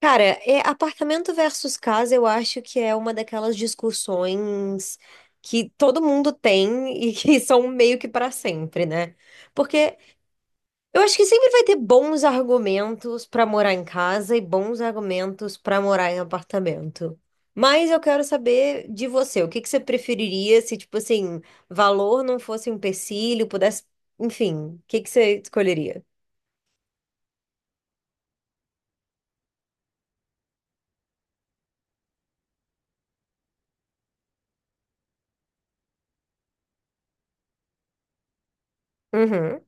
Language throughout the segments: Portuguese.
Cara, é apartamento versus casa, eu acho que é uma daquelas discussões que todo mundo tem e que são meio que para sempre, né? Porque eu acho que sempre vai ter bons argumentos para morar em casa e bons argumentos para morar em apartamento. Mas eu quero saber de você, o que que você preferiria se, tipo assim, valor não fosse um empecilho, pudesse, enfim, o que que você escolheria? Uhum.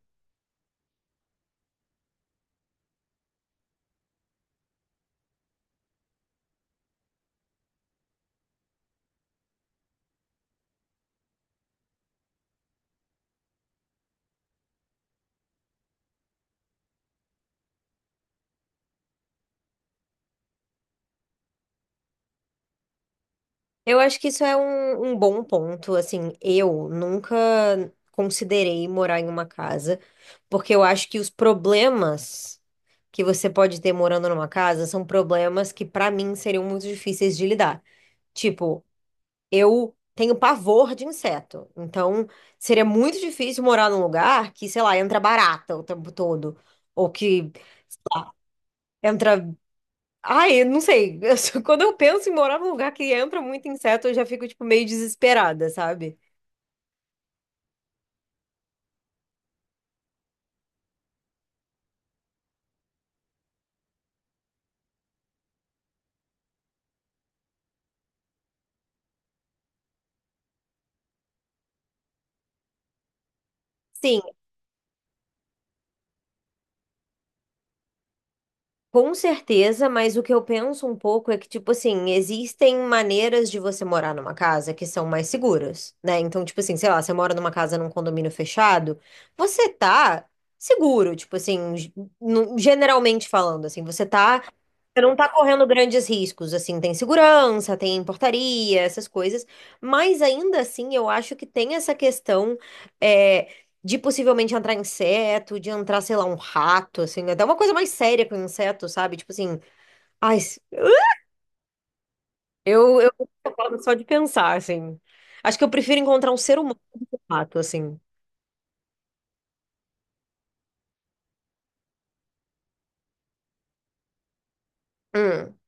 Eu acho que isso é um bom ponto. Assim, eu nunca considerei morar em uma casa, porque eu acho que os problemas que você pode ter morando numa casa são problemas que, pra mim, seriam muito difíceis de lidar. Tipo, eu tenho pavor de inseto, então seria muito difícil morar num lugar que, sei lá, entra barata o tempo todo. Ou que entra. Ai, eu não sei. Quando eu penso em morar num lugar que entra muito inseto, eu já fico, tipo, meio desesperada, sabe? Sim, com certeza, mas o que eu penso um pouco é que, tipo assim, existem maneiras de você morar numa casa que são mais seguras, né? Então, tipo assim, sei lá, você mora numa casa num condomínio fechado, você tá seguro, tipo assim, generalmente falando, assim, você não tá correndo grandes riscos, assim, tem segurança, tem portaria, essas coisas, mas ainda assim eu acho que tem essa questão. eh, De possivelmente entrar inseto, de entrar, sei lá, um rato, assim, até uma coisa mais séria com inseto, sabe? Tipo assim, ai, eu tô falando só de pensar, assim. Acho que eu prefiro encontrar um ser humano que é um rato, assim. Hum.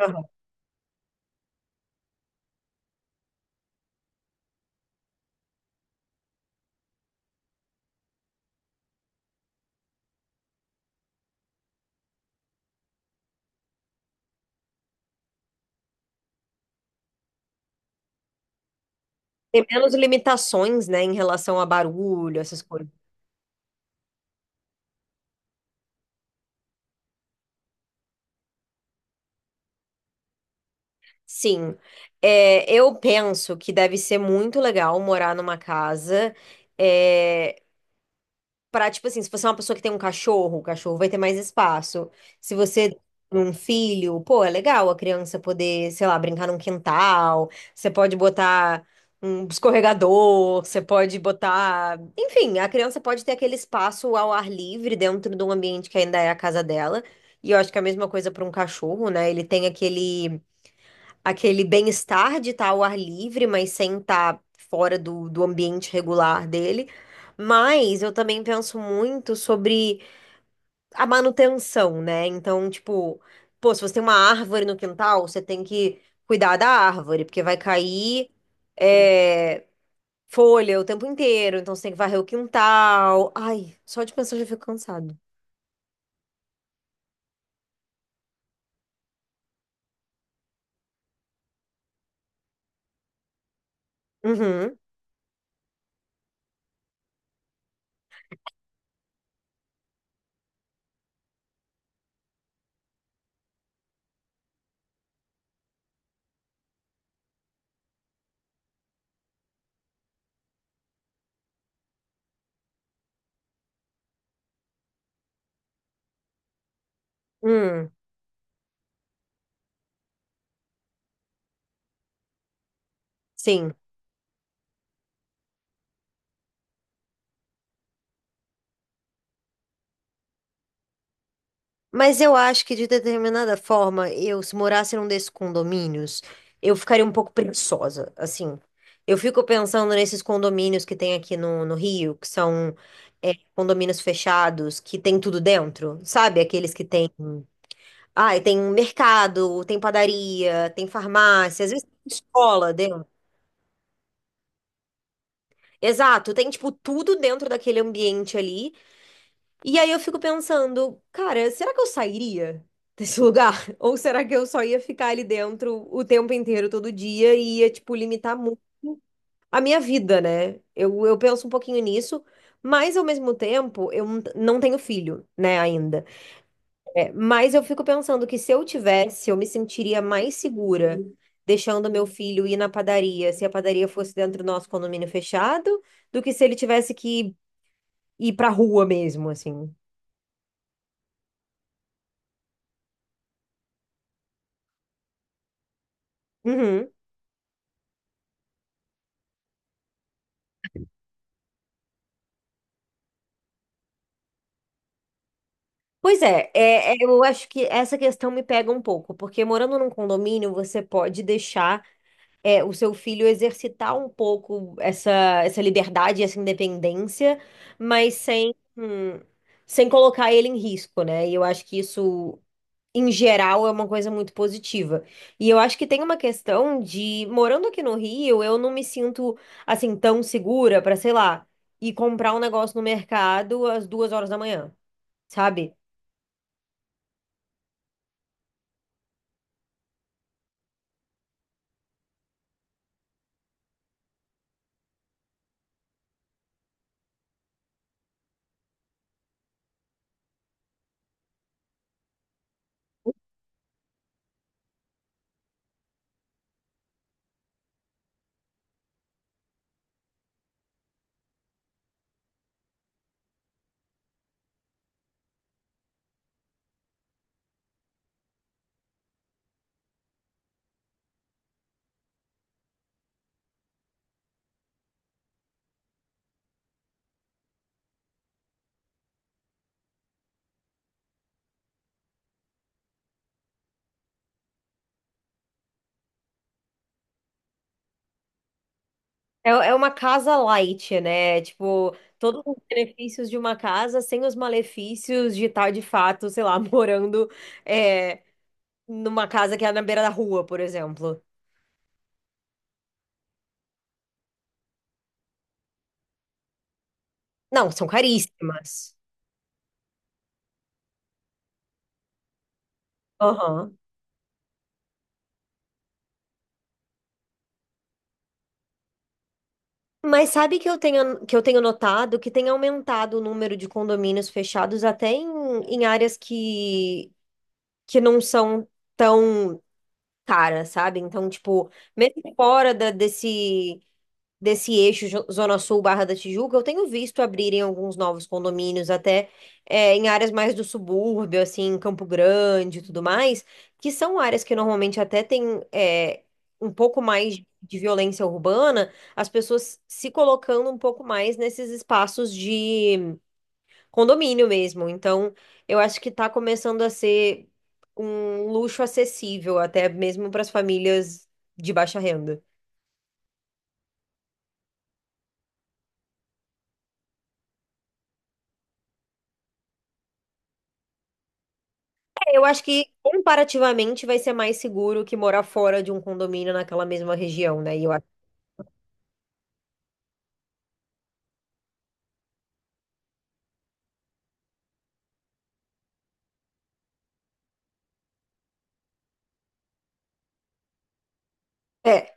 Aham. Tem menos limitações, né, em relação a barulho, essas coisas. Sim, é, eu penso que deve ser muito legal morar numa casa. eh, Pra, tipo assim, se você é uma pessoa que tem um cachorro, o cachorro vai ter mais espaço. Se você tem um filho, pô, é legal a criança poder, sei lá, brincar num quintal. Você pode botar um escorregador, você pode botar. Enfim, a criança pode ter aquele espaço ao ar livre dentro de um ambiente que ainda é a casa dela. E eu acho que é a mesma coisa para um cachorro, né? Ele tem aquele bem-estar de estar ao ar livre, mas sem estar fora do ambiente regular dele. Mas eu também penso muito sobre a manutenção, né? Então, tipo, pô, se você tem uma árvore no quintal, você tem que cuidar da árvore, porque vai cair é, folha o tempo inteiro, então você tem que varrer o quintal. Ai, só de pensar eu já fico cansado. Uhum, hum, sim. Mas eu acho que, de determinada forma, eu, se morasse num desses condomínios, eu ficaria um pouco preguiçosa, assim. Eu fico pensando nesses condomínios que tem aqui no Rio, que são condomínios fechados, que tem tudo dentro, sabe? Aqueles que tem. Ah, tem um mercado, tem padaria, tem farmácia, às vezes tem escola dentro. Exato, tem, tipo, tudo dentro daquele ambiente ali. E aí eu fico pensando, cara, será que eu sairia desse lugar? Ou será que eu só ia ficar ali dentro o tempo inteiro, todo dia, e ia, tipo, limitar muito a minha vida, né? Eu penso um pouquinho nisso, mas ao mesmo tempo, eu não tenho filho, né, ainda. É, mas eu fico pensando que se eu tivesse, eu me sentiria mais segura deixando meu filho ir na padaria, se a padaria fosse dentro do nosso condomínio fechado, do que se ele tivesse que ir pra rua mesmo, assim. Uhum. Pois é, é, é, eu acho que essa questão me pega um pouco, porque morando num condomínio, você pode deixar o seu filho exercitar um pouco essa, liberdade, essa independência, mas sem colocar ele em risco, né? E eu acho que isso, em geral, é uma coisa muito positiva. E eu acho que tem uma questão de, morando aqui no Rio, eu não me sinto, assim, tão segura para, sei lá, ir comprar um negócio no mercado às 2 horas da manhã. Sabe? É, é uma casa light, né? Tipo, todos os benefícios de uma casa sem os malefícios de estar, de fato, sei lá, morando é, numa casa que é na beira da rua, por exemplo. Não, são caríssimas. Aham. Mas sabe que que eu tenho notado que tem aumentado o número de condomínios fechados até em áreas que não são tão caras, sabe? Então, tipo, mesmo fora desse eixo Zona Sul Barra da Tijuca, eu tenho visto abrirem alguns novos condomínios, até em áreas mais do subúrbio, assim, Campo Grande e tudo mais, que são áreas que normalmente até tem é, um pouco mais de violência urbana, as pessoas se colocando um pouco mais nesses espaços de condomínio mesmo. Então, eu acho que está começando a ser um luxo acessível, até mesmo para as famílias de baixa renda. Eu acho que comparativamente vai ser mais seguro que morar fora de um condomínio naquela mesma região, né? E eu acho. É.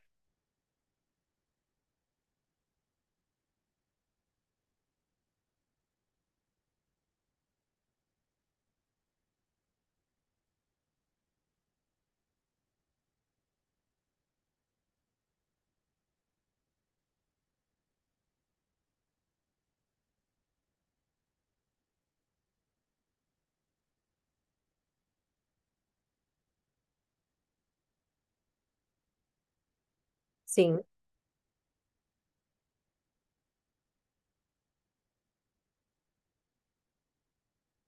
Sim.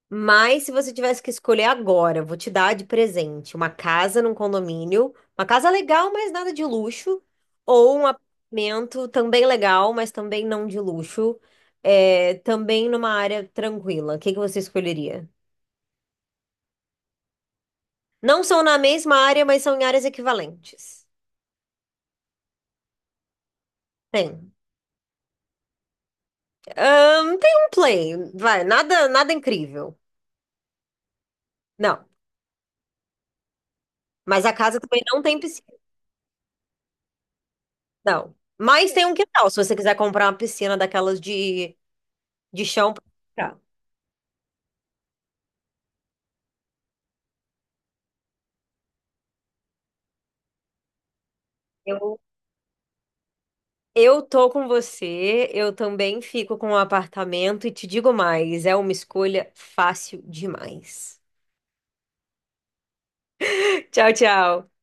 Mas se você tivesse que escolher agora, vou te dar de presente uma casa num condomínio, uma casa legal, mas nada de luxo, ou um apartamento também legal, mas também não de luxo, também numa área tranquila. O que que você escolheria? Não são na mesma área, mas são em áreas equivalentes. Tem. Tem um play, vai, nada, nada incrível. Não, mas a casa também não tem piscina. Não. Mas tem um quintal, se você quiser comprar uma piscina daquelas de, chão. Pra Eu, eu tô com você, eu também fico com o apartamento e te digo mais, é uma escolha fácil demais. Tchau, tchau.